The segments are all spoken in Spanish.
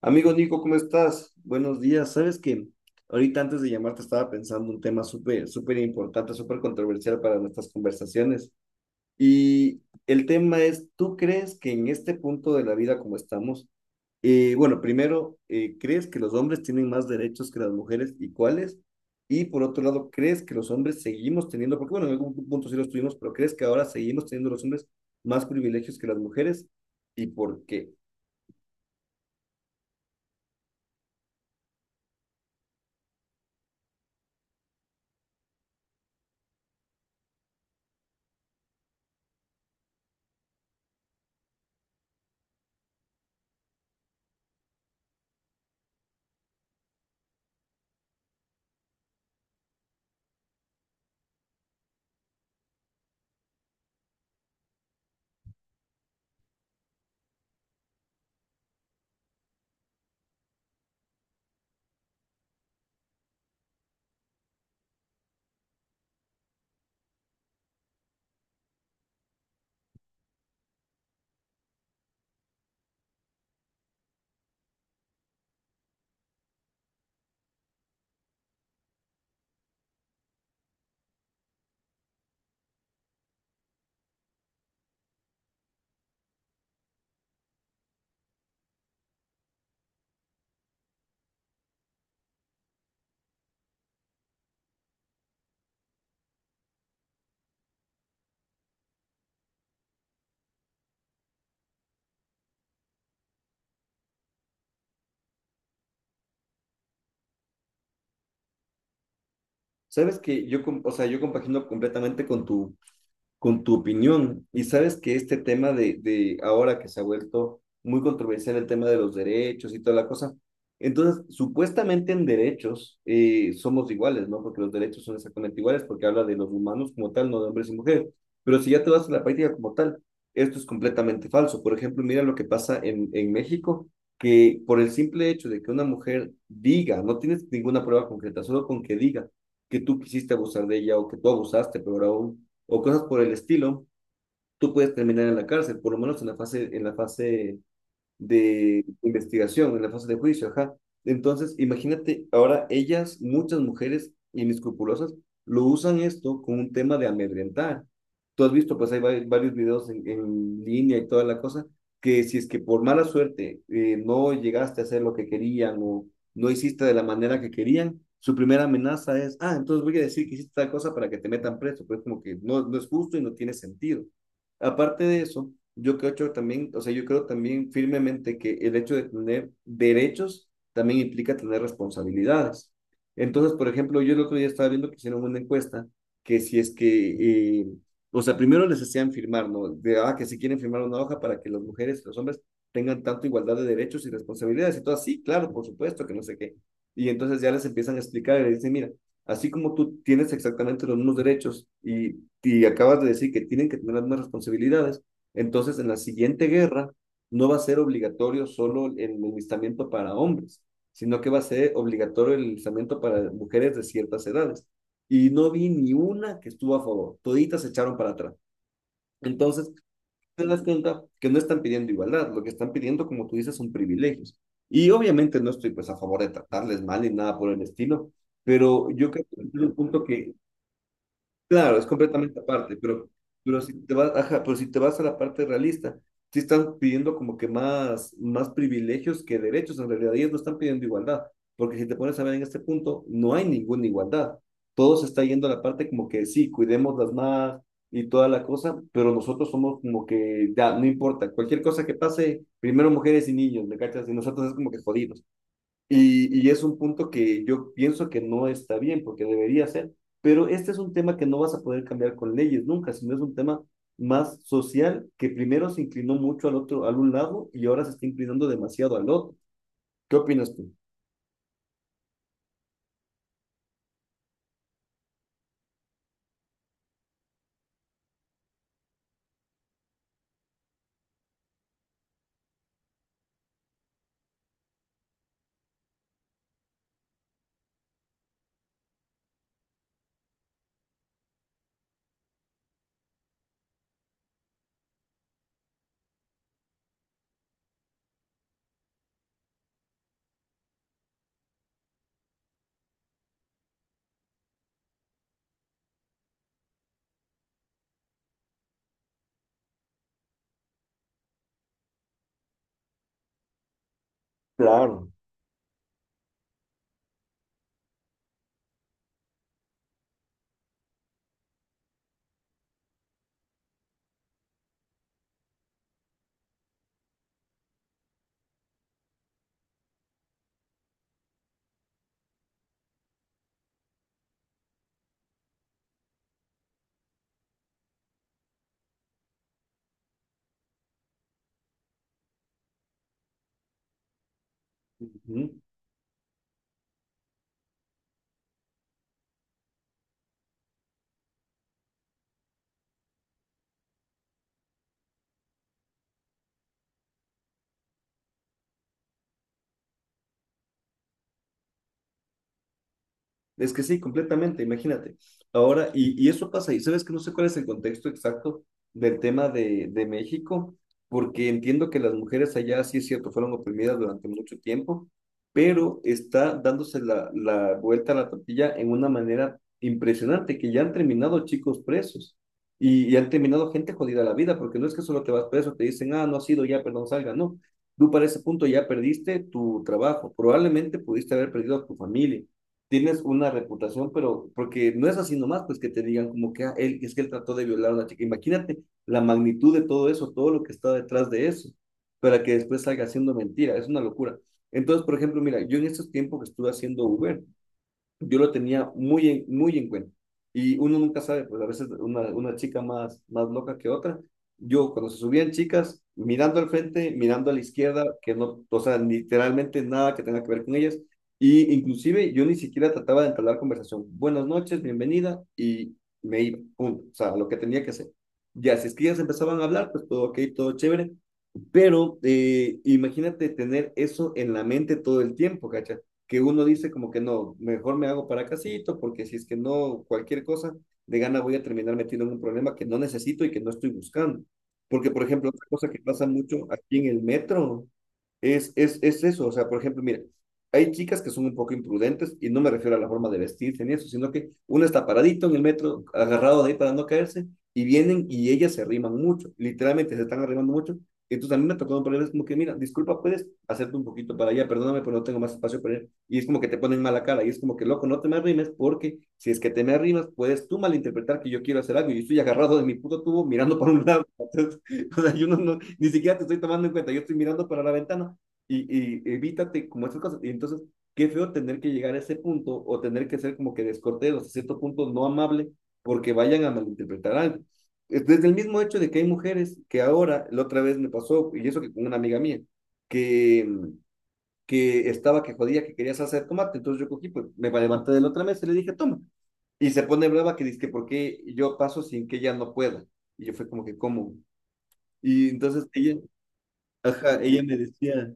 Amigo Nico, ¿cómo estás? Buenos días. Sabes que ahorita antes de llamarte estaba pensando un tema súper, súper importante, súper controversial para nuestras conversaciones. Y el tema es, ¿tú crees que en este punto de la vida como estamos, bueno, primero, ¿crees que los hombres tienen más derechos que las mujeres y cuáles? Y por otro lado, ¿crees que los hombres seguimos teniendo, porque bueno, en algún punto sí los tuvimos, pero ¿crees que ahora seguimos teniendo los hombres más privilegios que las mujeres? ¿Y por qué? Sabes que yo, o sea, yo compagino completamente con tu opinión. Y sabes que este tema de ahora que se ha vuelto muy controversial el tema de los derechos y toda la cosa, entonces supuestamente en derechos somos iguales, ¿no? Porque los derechos son exactamente iguales, porque habla de los humanos como tal, no de hombres y mujeres. Pero si ya te vas a la práctica como tal, esto es completamente falso. Por ejemplo, mira lo que pasa en México, que por el simple hecho de que una mujer diga, no tienes ninguna prueba concreta, solo con que diga que tú quisiste abusar de ella o que tú abusaste, pero aún o cosas por el estilo, tú puedes terminar en la cárcel, por lo menos en la fase de investigación, en la fase de juicio, ajá. Entonces, imagínate, ahora ellas, muchas mujeres inescrupulosas, lo usan esto con un tema de amedrentar. Tú has visto, pues hay varios videos en línea y toda la cosa, que si es que por mala suerte no llegaste a hacer lo que querían o no hiciste de la manera que querían, su primera amenaza es, ah, entonces voy a decir que hiciste tal cosa para que te metan preso. Pues como que no, no es justo y no tiene sentido. Aparte de eso, yo creo también, o sea, yo creo también firmemente que el hecho de tener derechos también implica tener responsabilidades. Entonces, por ejemplo, yo el otro día estaba viendo que hicieron una encuesta que si es que, o sea, primero les hacían firmar, ¿no? De, ah, que si quieren firmar una hoja para que las mujeres y los hombres tengan tanto igualdad de derechos y responsabilidades. Y todo así, claro, por supuesto, que no sé qué. Y entonces ya les empiezan a explicar y les dicen, mira, así como tú tienes exactamente los mismos derechos y acabas de decir que tienen que tener las mismas responsabilidades, entonces en la siguiente guerra no va a ser obligatorio solo el enlistamiento para hombres, sino que va a ser obligatorio el enlistamiento para mujeres de ciertas edades. Y no vi ni una que estuvo a favor, toditas se echaron para atrás. Entonces, te das cuenta que no están pidiendo igualdad, lo que están pidiendo, como tú dices, son privilegios. Y obviamente no estoy pues a favor de tratarles mal ni nada por el estilo, pero yo creo que es un punto que Claro, es completamente aparte, pero si te vas, ajá, pero si te vas a la parte realista, sí están pidiendo como que más, más privilegios que derechos en realidad, ellos no están pidiendo igualdad, porque si te pones a ver en este punto, no hay ninguna igualdad, todo se está yendo a la parte como que sí, cuidemos las más y toda la cosa, pero nosotros somos como que ya, no importa, cualquier cosa que pase, primero mujeres y niños, ¿me cachas? Y nosotros es como que jodidos. Y es un punto que yo pienso que no está bien, porque debería ser, pero este es un tema que no vas a poder cambiar con leyes nunca, sino es un tema más social que primero se inclinó mucho al otro, al un lado y ahora se está inclinando demasiado al otro. ¿Qué opinas tú? Claro. Ujú. Es que sí, completamente, imagínate. Ahora, y eso pasa, y sabes que no sé cuál es el contexto exacto del tema de México, porque entiendo que las mujeres allá, sí es cierto, fueron oprimidas durante mucho tiempo, pero está dándose la, la vuelta a la tortilla en una manera impresionante, que ya han terminado chicos presos y han terminado gente jodida la vida, porque no es que solo te vas preso, te dicen, ah, no has sido ya, perdón, salga, no. Tú para ese punto ya perdiste tu trabajo, probablemente pudiste haber perdido a tu familia tienes una reputación, pero porque no es así nomás, pues que te digan como que ah, él, es que él trató de violar a una chica. Imagínate la magnitud de todo eso, todo lo que está detrás de eso, para que después salga haciendo mentira, es una locura. Entonces, por ejemplo, mira, yo en estos tiempos que estuve haciendo Uber, yo lo tenía muy en cuenta. Y uno nunca sabe, pues a veces una chica más, más loca que otra. Yo cuando se subían chicas, mirando al frente, mirando a la izquierda, que no, o sea, literalmente nada que tenga que ver con ellas. Y inclusive yo ni siquiera trataba de entablar conversación. Buenas noches, bienvenida, y me iba, punto. O sea, lo que tenía que hacer. Ya, si es que ellas empezaban a hablar, pues todo ok, todo chévere. Pero imagínate tener eso en la mente todo el tiempo, ¿cachai? Que uno dice como que no, mejor me hago para casito, porque si es que no, cualquier cosa, de gana voy a terminar metido en un problema que no necesito y que no estoy buscando. Porque, por ejemplo, otra cosa que pasa mucho aquí en el metro es eso. O sea, por ejemplo, mira, hay chicas que son un poco imprudentes y no me refiero a la forma de vestirse ni eso, sino que uno está paradito en el metro, agarrado de ahí para no caerse, y vienen y ellas se arriman mucho, literalmente se están arrimando mucho entonces a mí me ha tocado poner, como que, mira, disculpa, puedes hacerte un poquito para allá, perdóname, pero no tengo más espacio para ir. Y es como que te ponen mala cara y es como que, loco, no te me arrimes porque si es que te me arrimas, puedes tú malinterpretar que yo quiero hacer algo y yo estoy agarrado de mi puto tubo mirando para un lado. Entonces, o sea, yo no, no, ni siquiera te estoy tomando en cuenta, yo estoy mirando para la ventana y, y evítate como esas cosas. Y entonces, qué feo tener que llegar a ese punto o tener que ser como que descortés, a cierto punto no amable porque vayan a malinterpretar algo. Desde el mismo hecho de que hay mujeres que ahora, la otra vez me pasó, y eso que con una amiga mía, que, que estaba que jodía que quería salsa de tomate, entonces yo cogí, pues me levanté de la otra mesa y le dije, toma. Y se pone brava que dice que por qué yo paso sin que ella no pueda. Y yo fue como que, ¿cómo? Y entonces ella, ajá, ella me decía,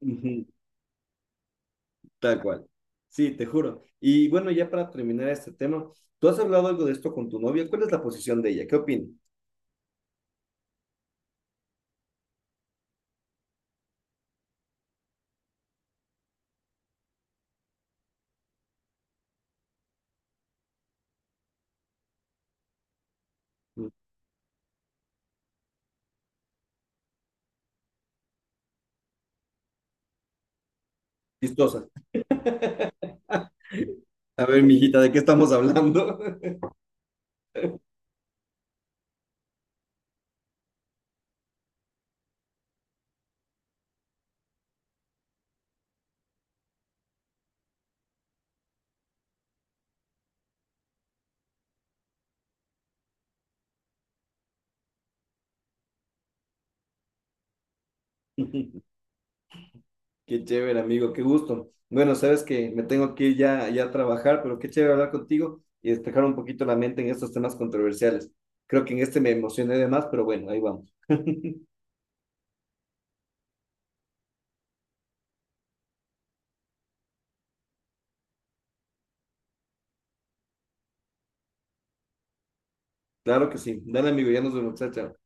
ujú, tal cual. Sí, te juro. Y bueno, ya para terminar este tema, ¿tú has hablado algo de esto con tu novia? ¿Cuál es la posición de ella? ¿Qué opina? Mm. Chistosa. A ver, mijita, ¿de qué estamos hablando? Qué chévere, amigo, qué gusto. Bueno, sabes que me tengo que ir ya, ya a trabajar, pero qué chévere hablar contigo y despejar un poquito la mente en estos temas controversiales. Creo que en este me emocioné de más, pero bueno, ahí vamos. Claro que sí. Dale, amigo, ya nos vemos, chao, chao.